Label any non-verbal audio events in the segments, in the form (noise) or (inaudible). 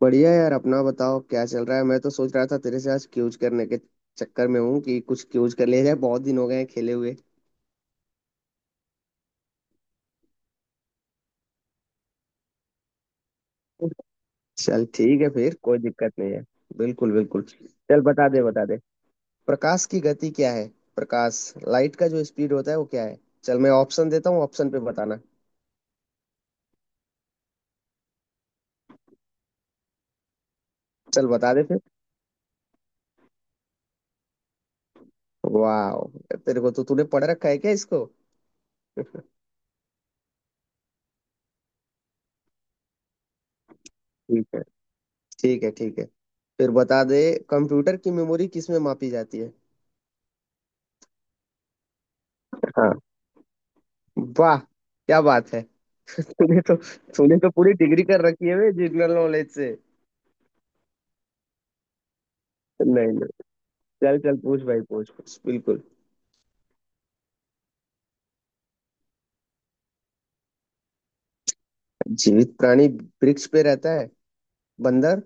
बढ़िया यार। अपना बताओ, क्या चल रहा है। मैं तो सोच रहा था तेरे से आज क्यूज करने के चक्कर में हूँ कि कुछ क्यूज कर लिया जाए। बहुत दिन हो गए हैं खेले हुए। चल ठीक है, फिर कोई दिक्कत नहीं है। बिल्कुल बिल्कुल। चल बता दे, बता दे। प्रकाश की गति क्या है? प्रकाश, लाइट का जो स्पीड होता है वो क्या है? चल मैं ऑप्शन देता हूँ, ऑप्शन पे बताना। चल बता दे फिर। वाह, तेरे को तो तूने पढ़ रखा है क्या इसको? ठीक है, ठीक है। ठीक है फिर बता दे। कंप्यूटर की मेमोरी किस में मापी जाती है? हाँ। वाह, क्या बात है। तूने तो तूने तो पूरी डिग्री कर रखी है बे जनरल नॉलेज से। नहीं नहीं, चल चल पूछ भाई, पूछ पूछ बिल्कुल। जीवित प्राणी वृक्ष पे रहता है? बंदर।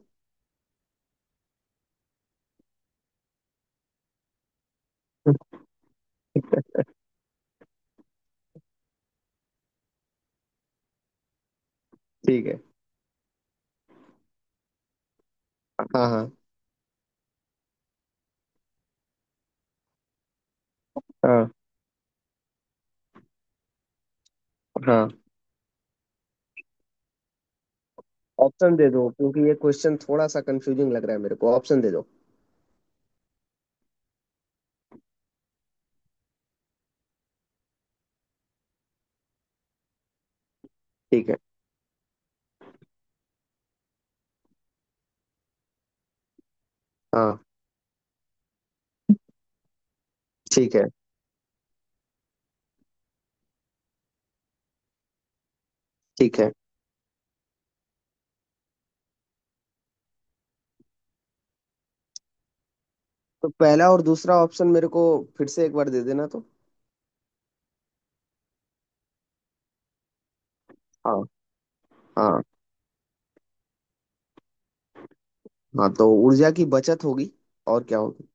ठीक है। हाँ हाँ। हाँ हाँ। ऑप्शन दे दो क्योंकि ये क्वेश्चन थोड़ा सा कंफ्यूजिंग लग रहा है मेरे को, ऑप्शन दे दो। ठीक है। हाँ। ठीक है ठीक है। तो पहला और दूसरा ऑप्शन मेरे को फिर से एक बार दे देना तो। हाँ। हाँ। हाँ, तो ऊर्जा की बचत होगी और क्या होगी।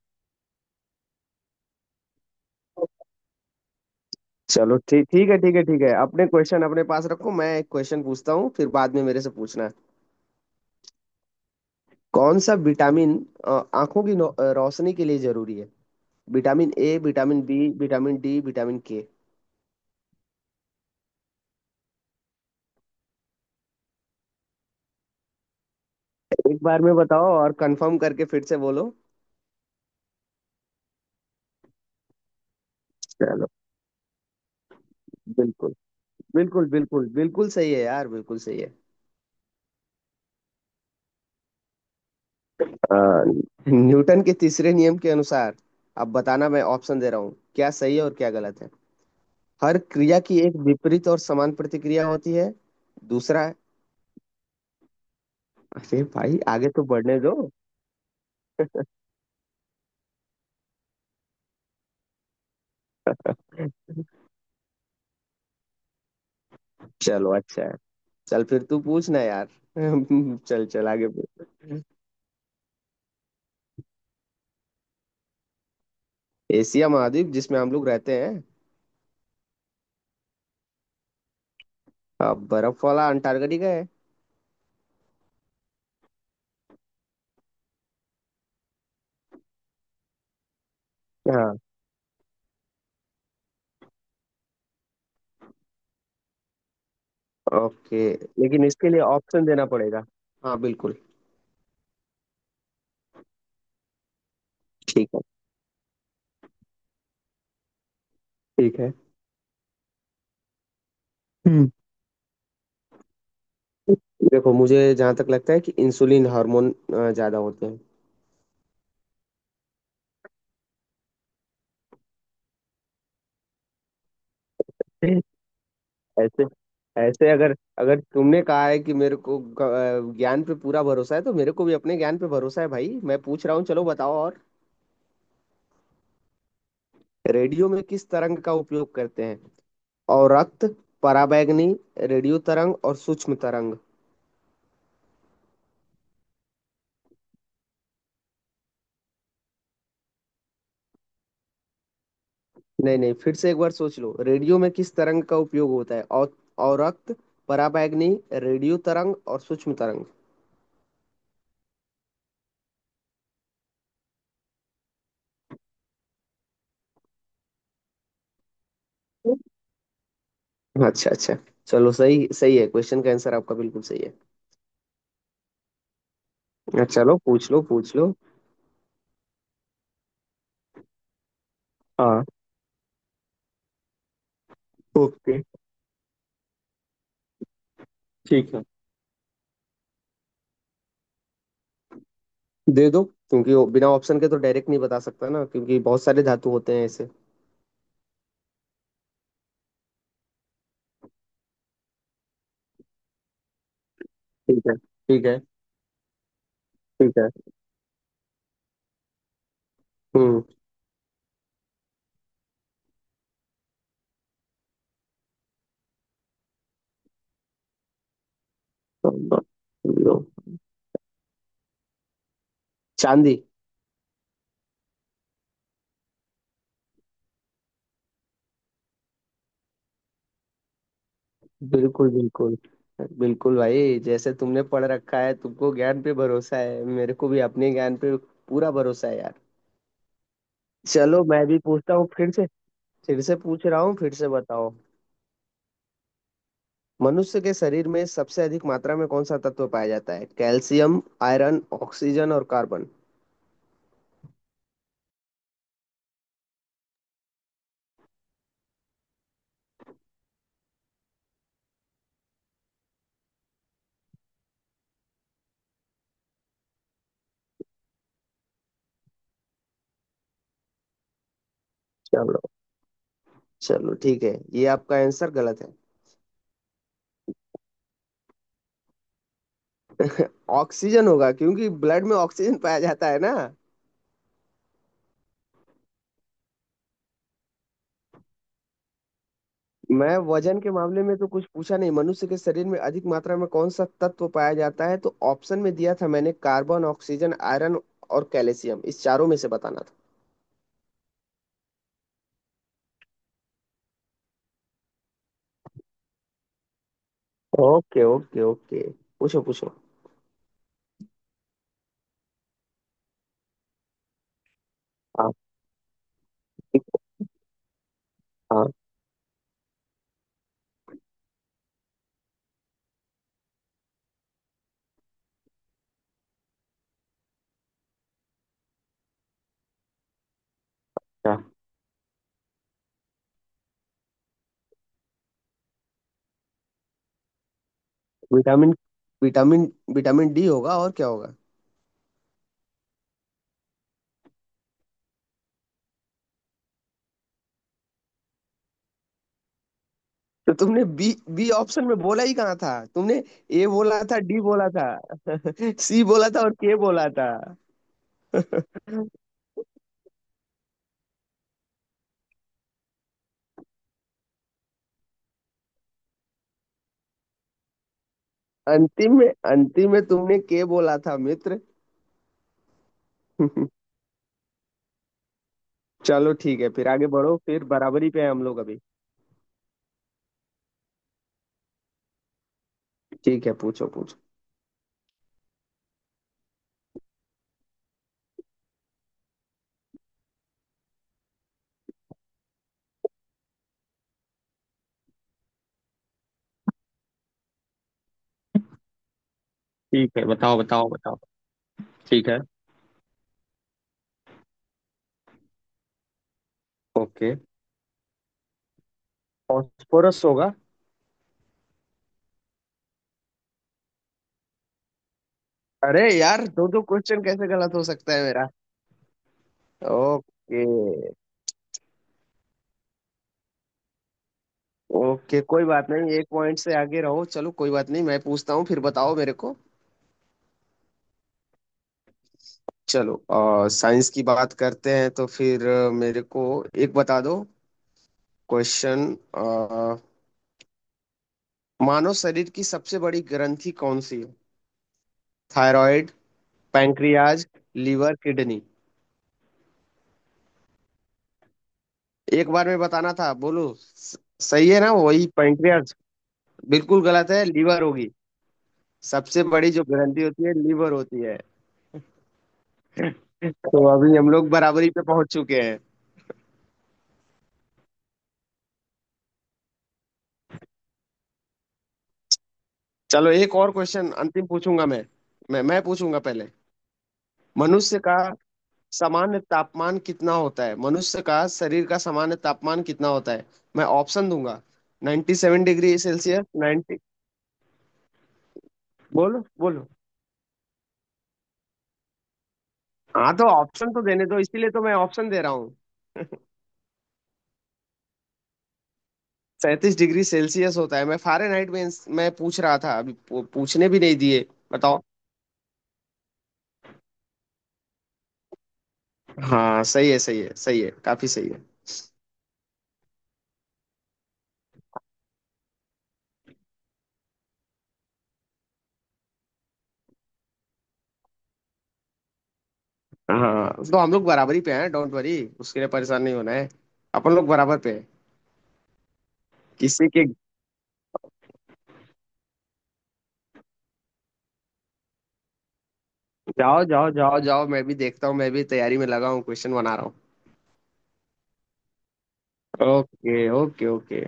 चलो ठीक, ठीक है ठीक है ठीक है। अपने क्वेश्चन अपने पास रखो, मैं एक क्वेश्चन पूछता हूँ फिर बाद में मेरे से पूछना। कौन सा विटामिन अ, आंखों की रोशनी के लिए जरूरी है? Vitamin A, vitamin B, vitamin D, vitamin K. एक बार में बताओ और कंफर्म करके फिर से बोलो। चलो। बिल्कुल, बिल्कुल बिल्कुल बिल्कुल सही है यार, बिल्कुल सही है। अ, न्यूटन के तीसरे नियम के अनुसार, अब बताना, मैं ऑप्शन दे रहा हूँ क्या सही है और क्या गलत है। हर क्रिया की एक विपरीत और समान प्रतिक्रिया होती है। दूसरा। अरे भाई आगे तो बढ़ने दो। चलो अच्छा है। चल फिर तू पूछना यार। (laughs) चल चल आगे पूछ। एशिया महाद्वीप जिसमें हम लोग रहते हैं। बर्फ वाला अंटार्कटिका है। हाँ। ओके। लेकिन इसके लिए ऑप्शन देना पड़ेगा। हाँ बिल्कुल। ठीक है ठीक है। हम्म। देखो, मुझे जहां तक लगता है कि इंसुलिन हार्मोन ज्यादा होते हैं। ऐसे, ऐसे अगर, तुमने कहा है कि मेरे को ज्ञान पे पूरा भरोसा है, तो मेरे को भी अपने ज्ञान पे भरोसा है भाई। मैं पूछ रहा हूँ, चलो बताओ और। रेडियो में किस तरंग का उपयोग करते हैं? औरक्त, पराबैंगनी, रेडियो तरंग और सूक्ष्म तरंग। नहीं नहीं, फिर से एक बार सोच लो। रेडियो में किस तरंग का उपयोग होता है? औरक्त, पराबैंगनी, रेडियो तरंग और सूक्ष्म तरंग। अच्छा अच्छा। चलो, सही सही है। क्वेश्चन का आंसर आपका बिल्कुल सही है। अच्छा, चलो पूछ लो पूछ लो। हाँ। ओके। ठीक है। दे दो क्योंकि वो बिना ऑप्शन के तो डायरेक्ट नहीं बता सकता ना, क्योंकि बहुत सारे धातु होते हैं ऐसे। ठीक है ठीक है ठीक है। हम्म। चांदी। बिल्कुल बिल्कुल। बिल्कुल भाई, जैसे तुमने पढ़ रखा है तुमको ज्ञान पे भरोसा है, मेरे को भी अपने ज्ञान पे पूरा भरोसा है यार। चलो मैं भी पूछता हूँ फिर से। फिर से पूछ रहा हूँ, फिर से बताओ। मनुष्य के शरीर में सबसे अधिक मात्रा में कौन सा तत्व पाया जाता है? कैल्शियम, आयरन, ऑक्सीजन और कार्बन। चलो। चलो ठीक है, ये आपका आंसर गलत है। ऑक्सीजन होगा क्योंकि ब्लड में ऑक्सीजन पाया जाता है ना। मैं वजन के मामले में तो कुछ पूछा नहीं। मनुष्य के शरीर में अधिक मात्रा में कौन सा तत्व पाया जाता है? तो ऑप्शन में दिया था मैंने कार्बन, ऑक्सीजन, आयरन और कैल्शियम, इस चारों में से बताना था। ओके ओके ओके, पूछो पूछो। हाँ ठीक है, हाँ अच्छा। विटामिन विटामिन विटामिन डी होगा और क्या होगा। तो तुमने बी, बी ऑप्शन में बोला ही कहाँ था तुमने? ए बोला था, डी बोला था, (laughs) सी बोला था और के बोला था। (laughs) अंतिम में तुमने के बोला था मित्र। (laughs) चलो ठीक है, फिर आगे बढ़ो, फिर बराबरी पे है हम लोग अभी। ठीक है पूछो पूछो। ठीक है बताओ बताओ बताओ। ठीक है। ओके। फॉस्फोरस होगा। अरे यार, दो दो क्वेश्चन कैसे गलत हो सकता है मेरा? ओके। ओके कोई बात नहीं, एक पॉइंट से आगे रहो। चलो कोई बात नहीं, मैं पूछता हूँ फिर, बताओ मेरे को। चलो साइंस की बात करते हैं, तो फिर मेरे को एक बता दो क्वेश्चन। मानव शरीर की सबसे बड़ी ग्रंथि कौन सी है? Thyroid, pancreas, liver, kidney. एक बार में बताना था। बोलो सही है ना, वही पैंक्रियाज? बिल्कुल गलत है, लीवर होगी। सबसे बड़ी जो ग्रंथि होती है लीवर होती है। तो अभी हम लोग बराबरी पे पहुंच चुके हैं। चलो एक और क्वेश्चन अंतिम पूछूंगा मैं। मैं पूछूंगा पहले। मनुष्य का सामान्य तापमान कितना होता है? मनुष्य का शरीर का सामान्य तापमान कितना होता है? मैं ऑप्शन दूंगा। 97 डिग्री सेल्सियस, 90, बोलो बोलो। हाँ तो ऑप्शन तो देने दो, इसीलिए तो मैं ऑप्शन दे रहा हूँ। 37 डिग्री सेल्सियस होता है, मैं फारेनहाइट में मैं पूछ रहा था, अभी पूछने भी नहीं दिए। बताओ। हाँ सही है, सही है सही है, काफी सही है। हाँ तो हम लोग बराबरी पे हैं, डोंट वरी। उसके लिए परेशान नहीं होना है, अपन लोग बराबर पे हैं। किसी के... जाओ जाओ जाओ जाओ, मैं भी देखता हूँ, मैं भी तैयारी में लगा हूँ, क्वेश्चन बना रहा हूँ। Okay okay okay.